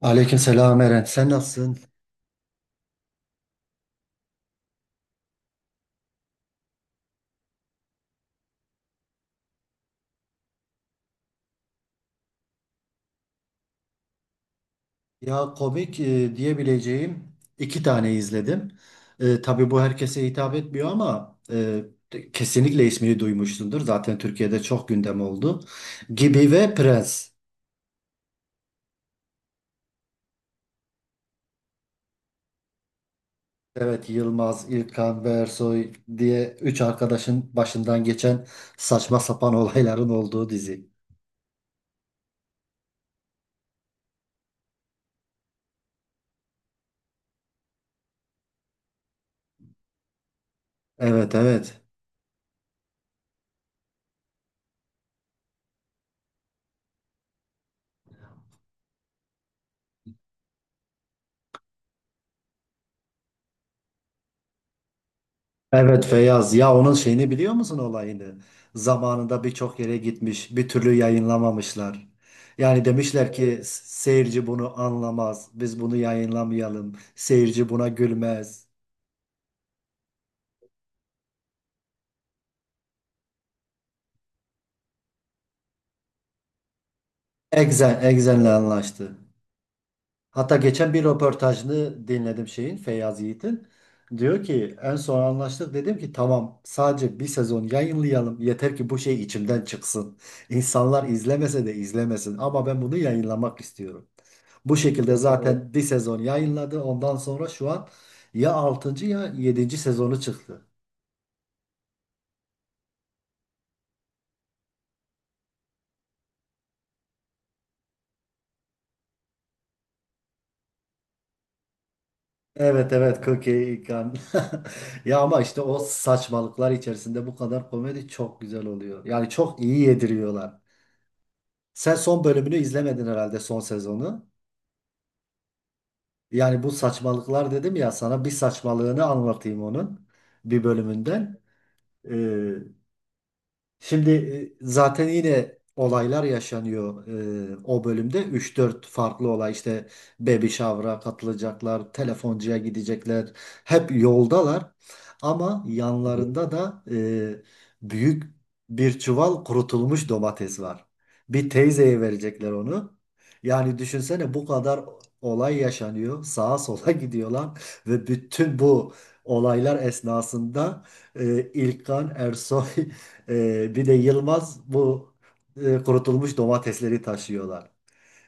Aleykümselam Eren. Sen nasılsın? Ya komik diyebileceğim iki tane izledim. Tabii bu herkese hitap etmiyor ama kesinlikle ismini duymuşsundur. Zaten Türkiye'de çok gündem oldu. Gibi ve Prens. Evet, Yılmaz, İlkan ve Ersoy diye üç arkadaşın başından geçen saçma sapan olayların olduğu dizi. Evet, evet. Evet, Feyyaz, ya onun şeyini biliyor musun, olayını? Zamanında birçok yere gitmiş, bir türlü yayınlamamışlar. Yani demişler ki seyirci bunu anlamaz, biz bunu yayınlamayalım, seyirci buna gülmez. Exxen, Exxen'le anlaştı. Hatta geçen bir röportajını dinledim, şeyin, Feyyaz Yiğit'in. Diyor ki en son anlaştık, dedim ki tamam sadece bir sezon yayınlayalım, yeter ki bu şey içimden çıksın. İnsanlar izlemese de izlemesin ama ben bunu yayınlamak istiyorum. Bu şekilde, evet, zaten bir sezon yayınladı, ondan sonra şu an ya altıncı ya yedinci sezonu çıktı. Evet, evet, Cookie Ikan. Ya ama işte o saçmalıklar içerisinde bu kadar komedi çok güzel oluyor. Yani çok iyi yediriyorlar. Sen son bölümünü izlemedin herhalde, son sezonu. Yani bu saçmalıklar, dedim ya sana, bir saçmalığını anlatayım onun bir bölümünden. Ee, Şimdi zaten yine olaylar yaşanıyor o bölümde. Üç dört farklı olay işte, baby shower'a katılacaklar, telefoncuya gidecekler. Hep yoldalar ama yanlarında da büyük bir çuval kurutulmuş domates var. Bir teyzeye verecekler onu. Yani düşünsene bu kadar olay yaşanıyor. Sağa sola gidiyorlar ve bütün bu olaylar esnasında İlkan Ersoy bir de Yılmaz, bu kurutulmuş domatesleri taşıyorlar.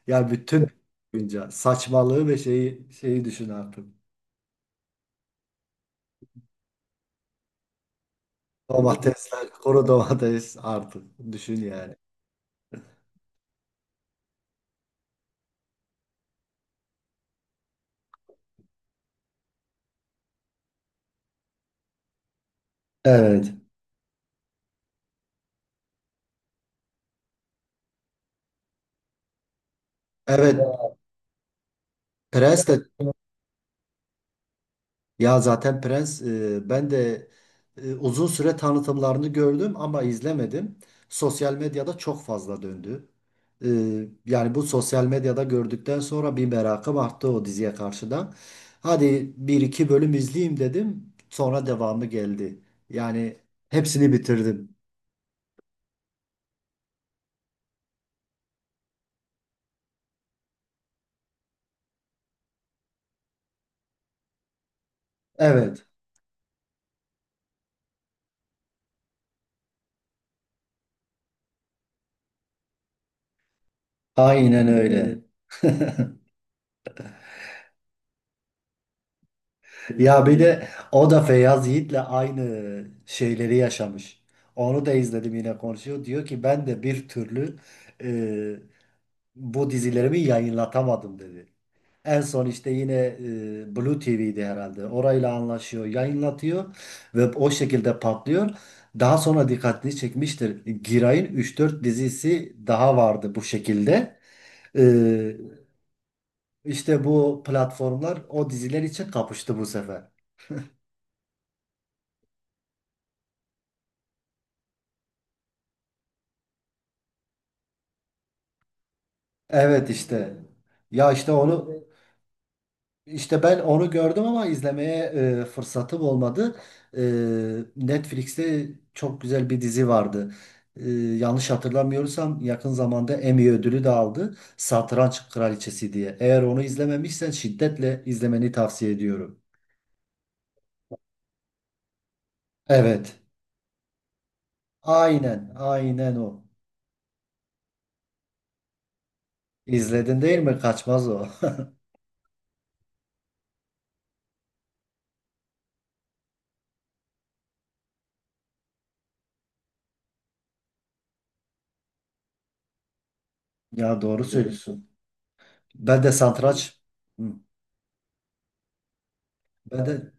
Yani bütün günce saçmalığı ve şeyi düşün artık. Domatesler, kuru domates artık, düşün yani. Evet. Evet. Prens de. Ya zaten Prens, ben de uzun süre tanıtımlarını gördüm ama izlemedim. Sosyal medyada çok fazla döndü. E, Yani bu sosyal medyada gördükten sonra bir merakım arttı o diziye karşı da. Hadi bir iki bölüm izleyeyim dedim. Sonra devamı geldi. Yani hepsini bitirdim. Evet, aynen öyle. Ya bir de o da Feyyaz Yiğit'le aynı şeyleri yaşamış. Onu da izledim, yine konuşuyor. Diyor ki ben de bir türlü e, bu dizilerimi yayınlatamadım, dedi. En son işte yine Blue TV'di herhalde. Orayla anlaşıyor, yayınlatıyor ve o şekilde patlıyor. Daha sonra dikkatini çekmiştir. Giray'ın üç dört dizisi daha vardı bu şekilde. E, işte bu platformlar o diziler için kapıştı bu sefer. Evet, işte. Ya işte onu, işte ben onu gördüm ama izlemeye fırsatım olmadı. E, Netflix'te çok güzel bir dizi vardı. Yanlış hatırlamıyorsam yakın zamanda Emmy ödülü de aldı. Satranç Kraliçesi diye. Eğer onu izlememişsen şiddetle izlemeni tavsiye ediyorum. Evet. Aynen, aynen o. İzledin değil mi? Kaçmaz o. Ya doğru söylüyorsun. Ben de satranç. Hı. Ben de.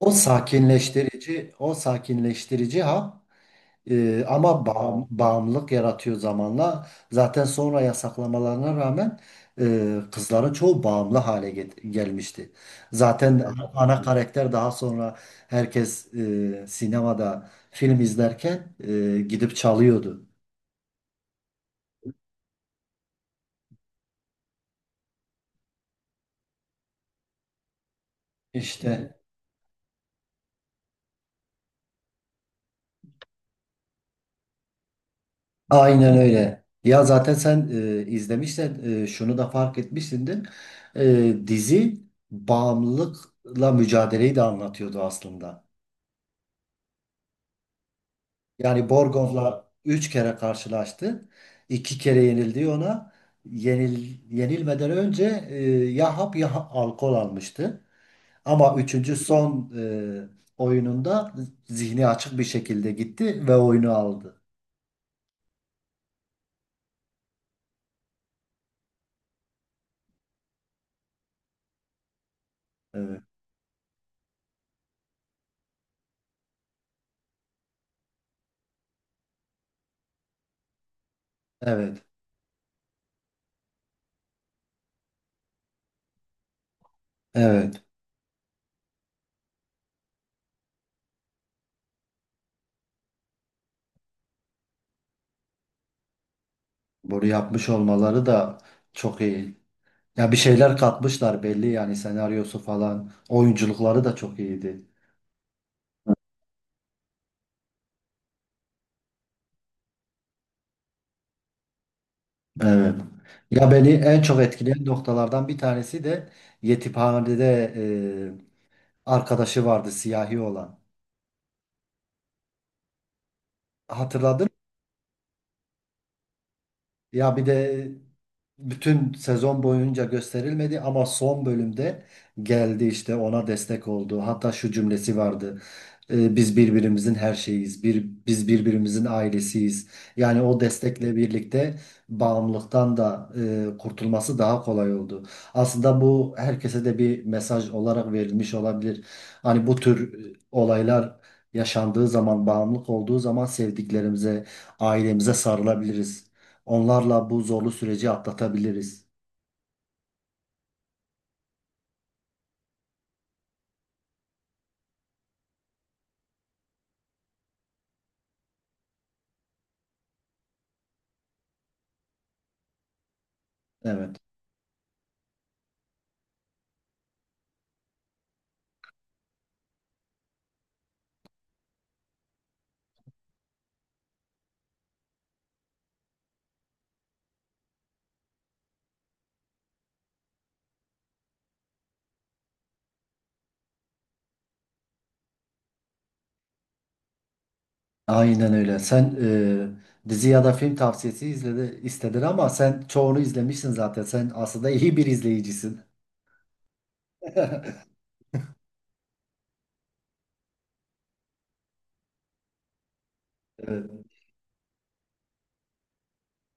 O sakinleştirici, o sakinleştirici, ha, ama bağımlılık yaratıyor zamanla. Zaten sonra yasaklamalarına rağmen kızların çoğu bağımlı hale gelmişti. Zaten ana karakter daha sonra, herkes sinemada film izlerken, gidip çalıyordu. İşte, aynen öyle. Ya zaten sen, izlemişsen, şunu da fark etmişsindir. Dizi bağımlılıkla mücadeleyi de anlatıyordu aslında. Yani Borgov'la üç kere karşılaştı. İki kere yenildi ona. Yenilmeden önce ya hap ya alkol almıştı. Ama üçüncü son oyununda zihni açık bir şekilde gitti ve oyunu aldı. Evet. Evet. Evet. Bunu yapmış olmaları da çok iyi. Ya bir şeyler katmışlar belli, yani senaryosu falan. Oyunculukları da çok iyiydi. Evet. Ya beni en çok etkileyen noktalardan bir tanesi de yetimhanede arkadaşı vardı, siyahi olan. Hatırladın? Ya bir de bütün sezon boyunca gösterilmedi ama son bölümde geldi, işte ona destek oldu. Hatta şu cümlesi vardı: Biz birbirimizin her şeyiz. Biz birbirimizin ailesiyiz." Yani o destekle birlikte bağımlılıktan da kurtulması daha kolay oldu. Aslında bu herkese de bir mesaj olarak verilmiş olabilir. Hani bu tür olaylar yaşandığı zaman, bağımlılık olduğu zaman sevdiklerimize, ailemize sarılabiliriz. Onlarla bu zorlu süreci atlatabiliriz. Evet. Aynen öyle. Sen, dizi ya da film tavsiyesi izledi, istedin ama sen çoğunu izlemişsin zaten. Sen aslında iyi bir izleyicisin. Evet.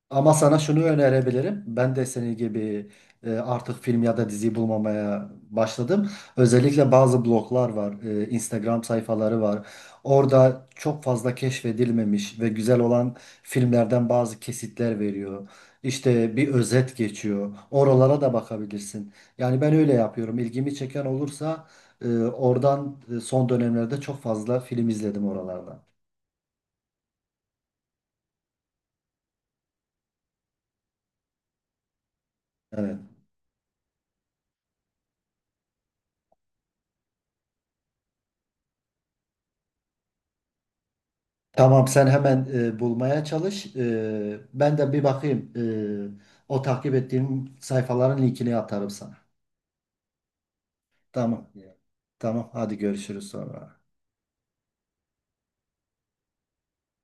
Ama sana şunu önerebilirim. Ben de senin gibi artık film ya da dizi bulmamaya başladım. Özellikle bazı bloglar var, Instagram sayfaları var. Orada çok fazla keşfedilmemiş ve güzel olan filmlerden bazı kesitler veriyor. İşte bir özet geçiyor. Oralara da bakabilirsin. Yani ben öyle yapıyorum. İlgimi çeken olursa oradan son dönemlerde çok fazla film izledim oralarda. Evet. Tamam, sen hemen bulmaya çalış. Ben de bir bakayım. O takip ettiğim sayfaların linkini atarım sana. Tamam. Tamam, hadi görüşürüz sonra.